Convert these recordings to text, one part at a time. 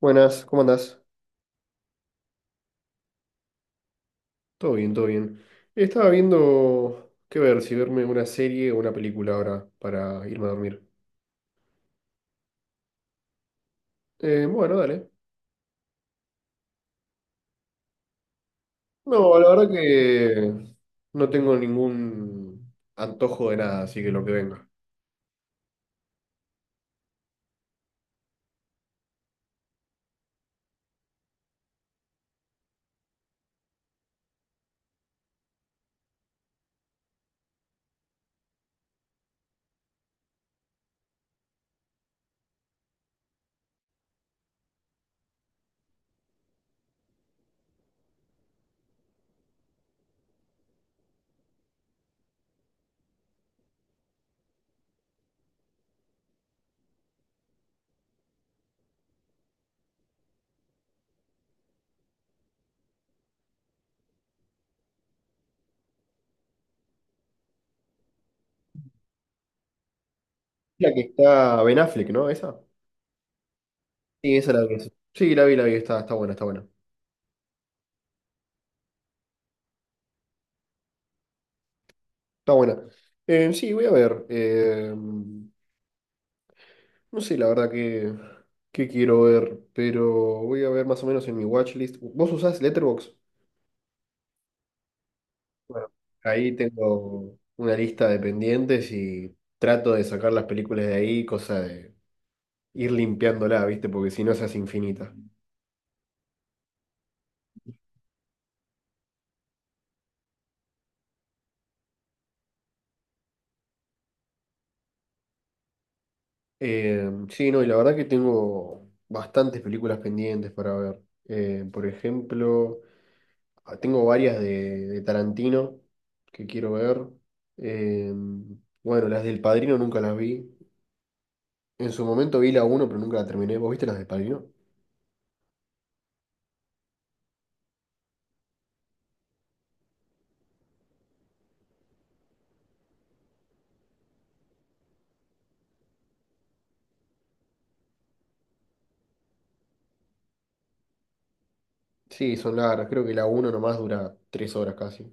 Buenas, ¿cómo andás? Todo bien, todo bien. Estaba viendo qué ver, si verme una serie o una película ahora para irme a dormir. Bueno, dale. No, la verdad que no tengo ningún antojo de nada, así que lo que venga. La que está Ben Affleck, ¿no? ¿Esa? Sí, esa la vi. Sí, la vi, está, está buena, está buena. Está buena. Sí, voy a ver. No sé, la verdad que quiero ver, pero voy a ver más o menos en mi watchlist. ¿Vos usás Letterboxd? Bueno, ahí tengo una lista de pendientes y trato de sacar las películas de ahí, cosa de ir limpiándola, ¿viste? Porque si no, se hace infinita. Sí, no, y la verdad que tengo bastantes películas pendientes para ver. Por ejemplo, ah, tengo varias de Tarantino que quiero ver. Eh, bueno, las del Padrino nunca las vi. En su momento vi la uno pero nunca la terminé. ¿Vos viste las del Padrino? Sí, son largas. Creo que la 1 nomás dura 3 horas casi.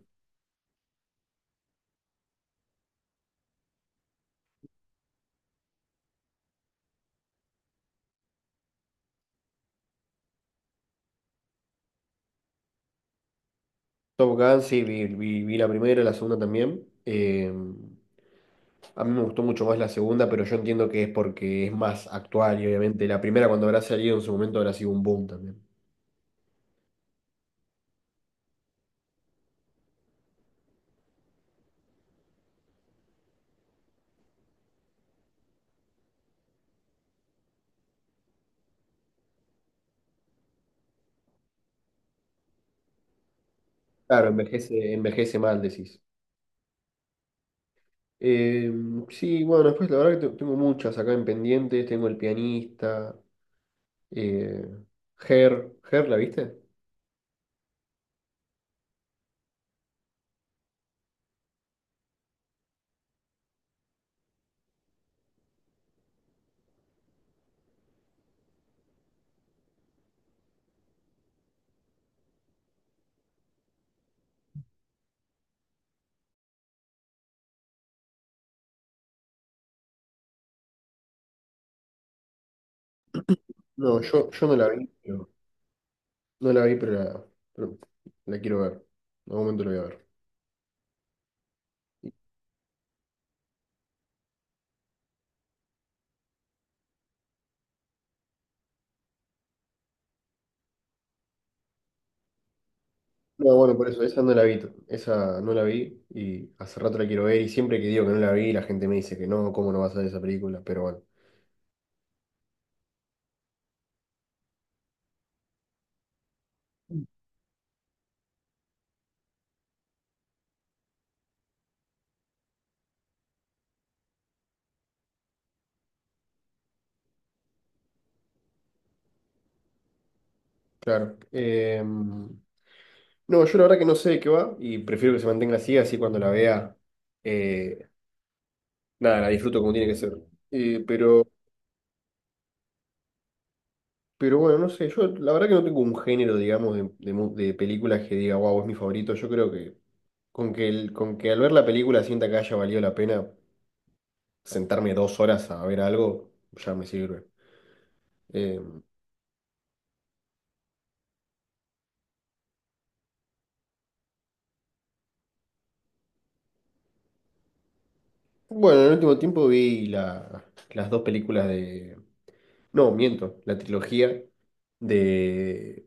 Top Gun, sí, vi la primera, la segunda también. A mí me gustó mucho más la segunda, pero yo entiendo que es porque es más actual y obviamente la primera cuando habrá salido en su momento habrá sido un boom también. Claro, envejece, envejece mal, decís. Eh, sí, bueno, después la verdad que tengo muchas acá en pendientes. Tengo El Pianista, eh, Her. ¿Her la viste? No, yo no la vi, pero, no la vi, pero la quiero ver. En algún momento la voy a ver. No, bueno, por eso, esa no la vi, esa no la vi y hace rato la quiero ver y siempre que digo que no la vi la gente me dice que no, ¿cómo no vas a ver esa película? Pero bueno, claro. No, yo la verdad que no sé de qué va y prefiero que se mantenga así, así cuando la vea, eh, nada, la disfruto como tiene que ser. Eh, pero, pero bueno, no sé, yo la verdad que no tengo un género, digamos, de películas que diga, wow, es mi favorito, yo creo que... Con con que al ver la película sienta que haya valido la pena sentarme dos horas a ver algo, ya me sirve. Eh, bueno, en el último tiempo las dos películas de... No, miento, la trilogía de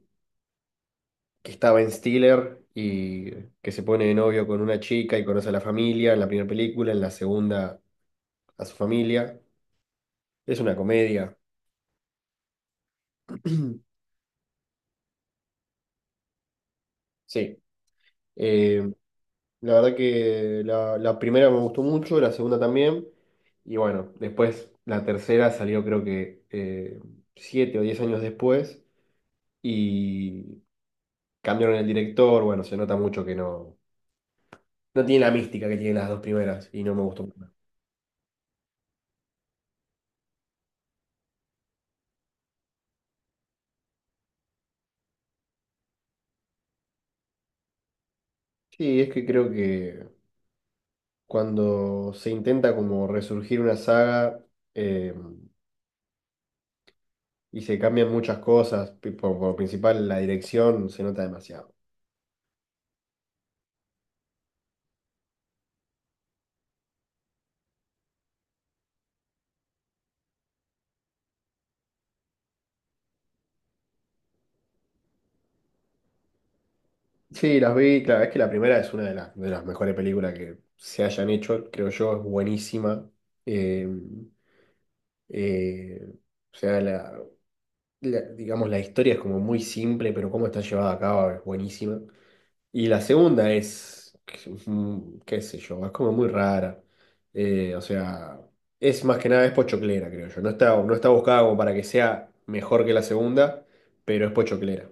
que estaba en Stiller y que se pone de novio con una chica y conoce a la familia en la primera película, en la segunda a su familia. Es una comedia. Sí. Eh, la verdad que la primera me gustó mucho, la segunda también. Y bueno, después la tercera salió creo que siete o diez años después. Y cambiaron el director, bueno, se nota mucho que no, no tiene la mística que tienen las dos primeras y no me gustó mucho. Sí, es que creo que cuando se intenta como resurgir una saga eh, y se cambian muchas cosas, por principal la dirección se nota demasiado. Sí, las vi, claro, es que la primera es una de de las mejores películas que se hayan hecho, creo yo, es buenísima. Eh, eh, o sea, digamos, la historia es como muy simple, pero cómo está llevada a cabo es buenísima. Y la segunda es, mm, qué sé yo, es como muy rara. O sea, es más que nada, es pochoclera, creo yo. No está, no está buscada como para que sea mejor que la segunda, pero es pochoclera.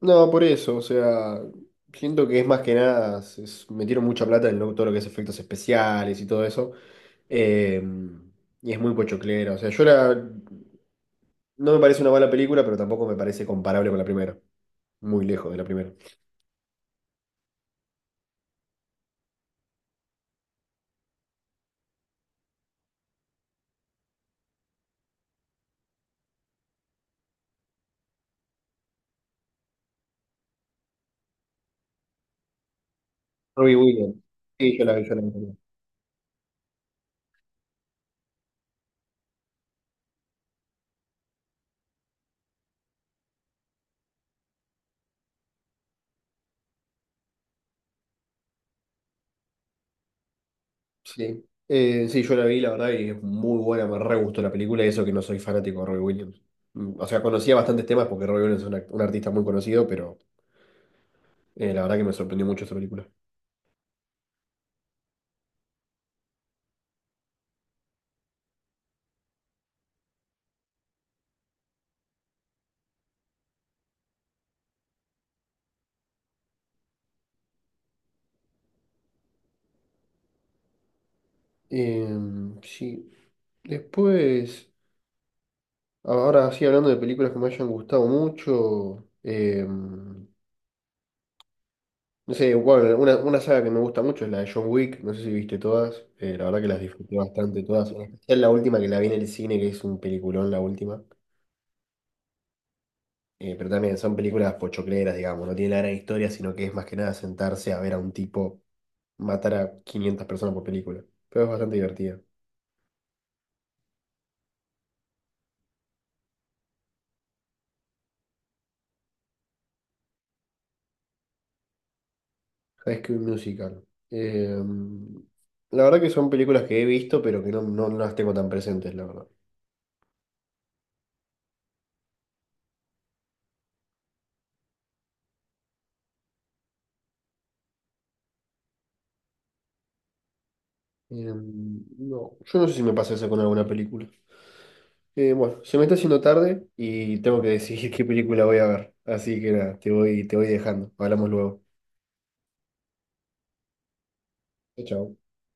No, por eso, o sea, siento que es más que nada, se metieron mucha plata en todo lo que es efectos especiales y todo eso. Eh, y es muy pochoclera, o sea, no me parece una mala película, pero tampoco me parece comparable con la primera. Muy lejos de la primera. Robbie Williams. Sí, yo la vi, yo la vi. Sí. Sí, yo la vi, la verdad, y es muy buena, me re gustó la película, y eso que no soy fanático de Robbie Williams. Mm, o sea, conocía bastantes temas porque Robbie Williams es un, un artista muy conocido, pero la verdad que me sorprendió mucho esa película. Em, sí. Después, ahora sí, hablando de películas que me hayan gustado mucho, no sé bueno, una saga que me gusta mucho es la de John Wick, no sé si viste todas, la verdad que las disfruté bastante todas, en especial la última que la vi en el cine, que es un peliculón la última, pero también son películas pochocleras, digamos, no tiene la gran historia, sino que es más que nada sentarse a ver a un tipo matar a 500 personas por película, pero es bastante divertida. High School Musical. Eh, la verdad que son películas que he visto, pero que no, no, no las tengo tan presentes, la verdad. No, yo no sé si me pasa eso con alguna película. Bueno, se me está haciendo tarde y tengo que decidir qué película voy a ver. Así que nada, te voy dejando. Hablamos luego. Chao. Chao.